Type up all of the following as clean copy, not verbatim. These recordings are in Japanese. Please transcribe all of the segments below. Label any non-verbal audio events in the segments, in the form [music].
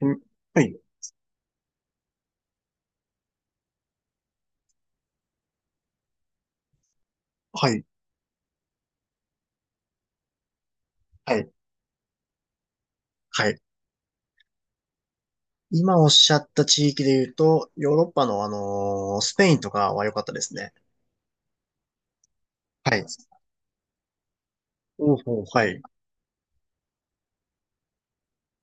うんはい、はい、はい。はい。今おっしゃった地域で言うと、ヨーロッパのスペインとかは良かったですね。はい。おうほう。はい。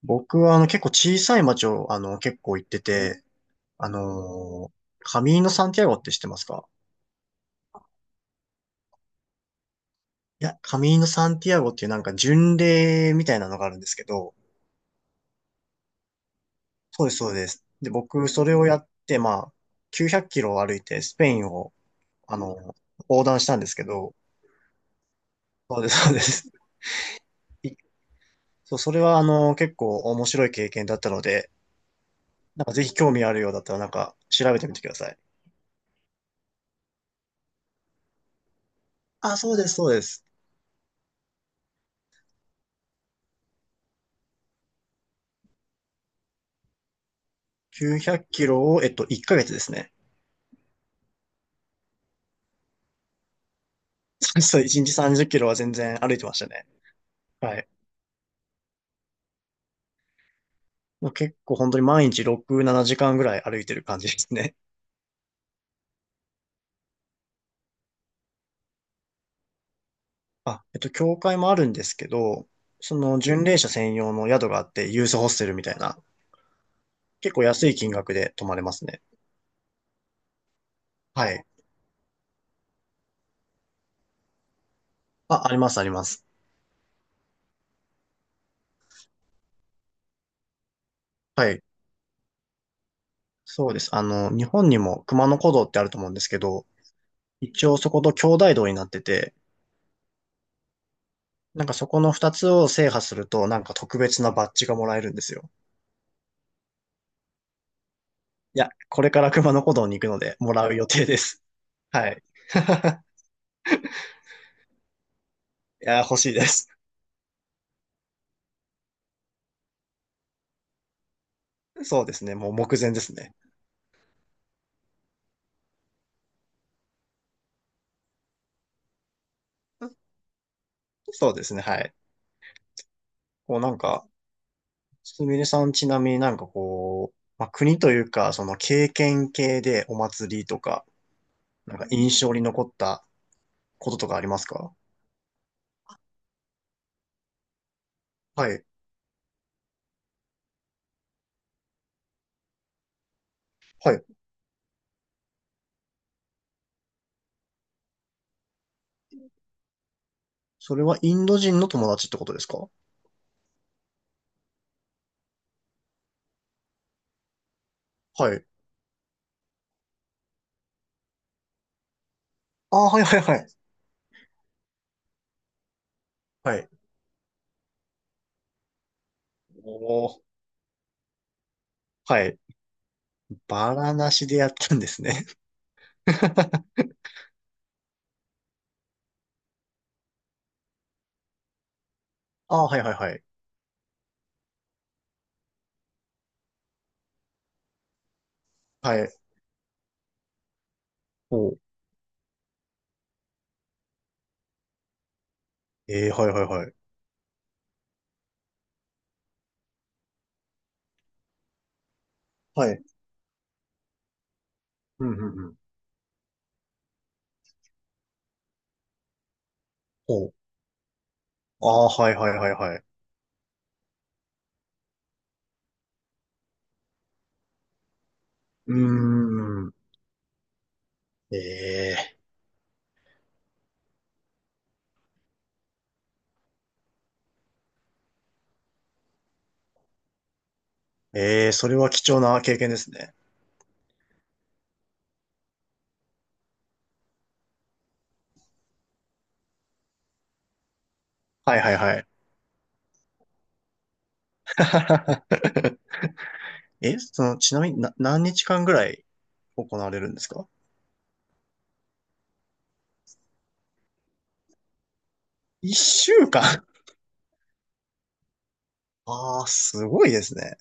僕は結構小さい町を結構行ってて、あのーカミーノ・サンティアゴって知ってますか？いや、カミーノ・サンティアゴっていうなんか巡礼みたいなのがあるんですけど、そうです、そうです。で、僕それをやって、まあ、900キロを歩いてスペインを、あの横断したんですけど、そうです、そうです。[laughs] そう、それは結構面白い経験だったので、なんかぜひ興味あるようだったらなんか調べてみてください。あ、そうです、そうです。900キロを、1ヶ月ですね。[laughs] そう1日30キロは全然歩いてましたね。はい。もう結構本当に毎日6、7時間ぐらい歩いてる感じですね。あ、教会もあるんですけど、その巡礼者専用の宿があって、ユースホステルみたいな、結構安い金額で泊まれますね。はい。あ、あります、あります。はい。そうです。日本にも熊野古道ってあると思うんですけど、一応そこと兄弟道になってて、なんかそこの二つを制覇すると、なんか特別なバッジがもらえるんですよ。いや、これから熊野古道に行くので、もらう予定です。はい。[laughs] いや、欲しいです。そうですね。もう目前ですね。そうですね。はい。こうなんか、すみれさんちなみになんかこう、まあ、国というか、その経験系でお祭りとか、なんか印象に残ったこととかありますか？はい。はい。それはインド人の友達ってことですか？はい。ああ、はいはいはい。はい。おお、はい。バラなしでやったんですね。[laughs] ああ、はいはいはい。はい。おう。ええ、はいはいはい。はい。うんうんうん。おう。ああ、はいはいはいはい。うーん。ええ、ええ、それは貴重な経験ですね。はいはいはい。[laughs] え、その、ちなみにな、何日間ぐらい行われるんですか？一週間。 [laughs] ああ、すごいですね。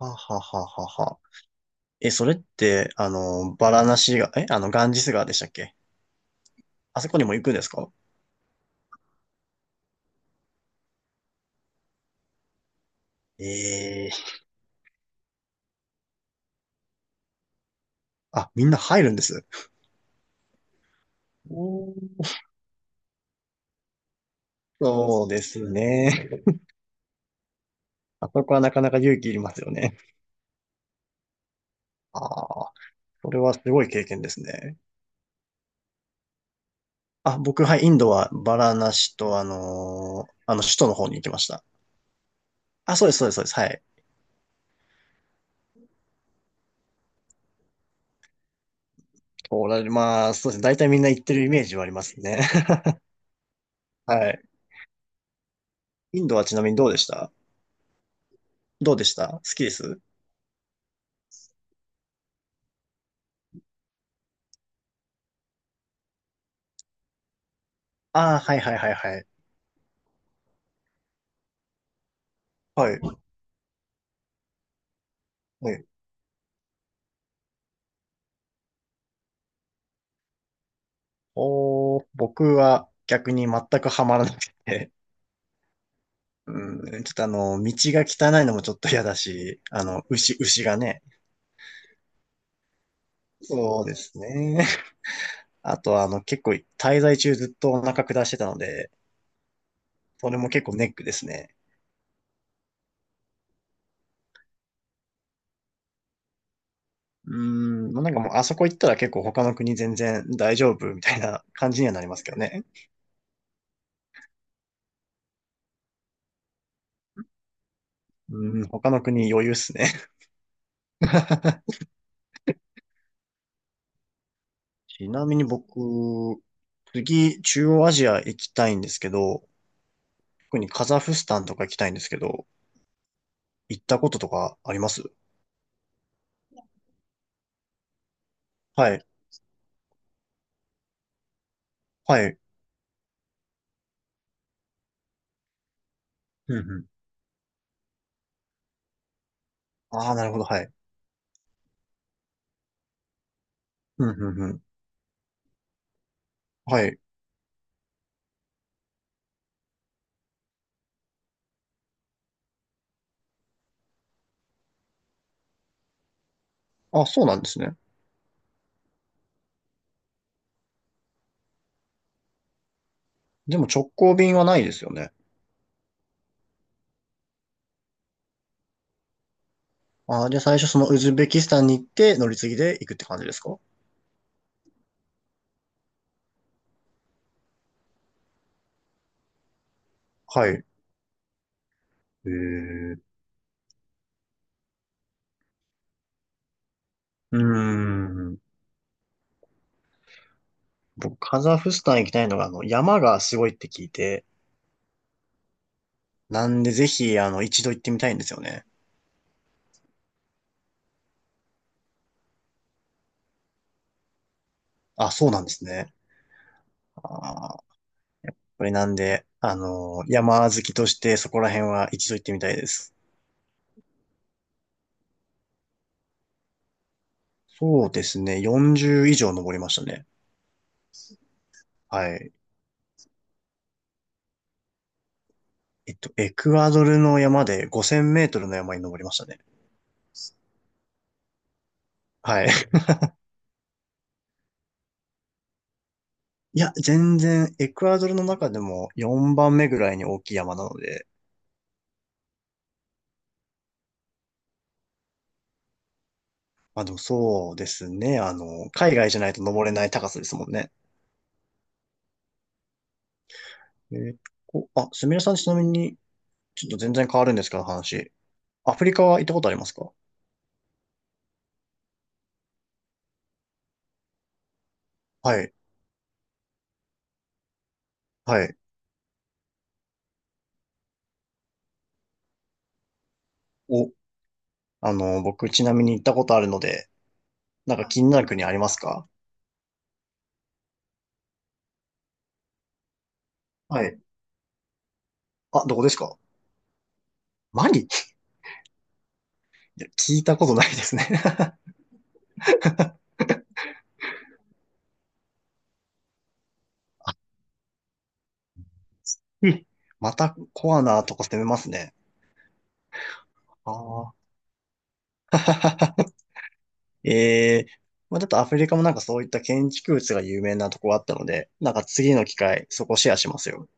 はははははは。え、それって、バラナシが…え、ガンジス川でしたっけ？あそこにも行くんですか？ええー、あ、みんな入るんです。おー、そうですね。あそこはなかなか勇気いりますよね。ああ、それはすごい経験ですね。あ、僕、はい、インドはバラナシと、首都の方に行きました。あ、そうです、そうです、そうです。はい。おられ、まあ、そうですね。大体みんな行ってるイメージはありますね。[laughs] はい。インドはちなみにどうでした？どうでした？好きです？ああー、はい、はい、はい、はい。はい。はい。おー、僕は逆に全くハマらなくて、[laughs] うん、ちょっと道が汚いのもちょっと嫌だし、牛、牛がね。そうですね。あとは結構滞在中ずっとお腹下してたので、それも結構ネックですね。うん、なんかもうあそこ行ったら結構他の国全然大丈夫みたいな感じにはなりますけどね。うん、他の国余裕っすね。[laughs] ちなみに僕、次、中央アジア行きたいんですけど、特にカザフスタンとか行きたいんですけど、行ったこととかあります？はい。はい。うんうん。ああ、なるほど。はい。うん、うん、うん。はい。あ、そうなんですね。でも直行便はないですよね。ああ、じゃあ最初そのウズベキスタンに行って乗り継ぎで行くって感じですか？はい。えー、うーん。僕、カザフスタン行きたいのが、山がすごいって聞いて、なんでぜひ、一度行ってみたいんですよね。あ、そうなんですね。あー、これなんで、山好きとしてそこら辺は一度行ってみたいです。そうですね、40以上登りましたね。はい。エクアドルの山で5000メートルの山に登りましたね。はい。[laughs] いや、全然、エクアドルの中でも4番目ぐらいに大きい山なので、まあでもそうですね、海外じゃないと登れない高さですもんね。えー、こあ、すみれさんちなみに、ちょっと全然変わるんですけど話。アフリカは行ったことありますか？はい、はい。お、僕ちなみに行ったことあるので、なんか気になる国ありますか？はい。あ、どこですか？マリ、いや、聞いたことないですね。[laughs] うん、またコアなとこ攻めますね。ああ。[laughs] ええ、まあ、ちょっとアフリカもなんかそういった建築物が有名なとこあったので、なんか次の機会、そこシェアしますよ。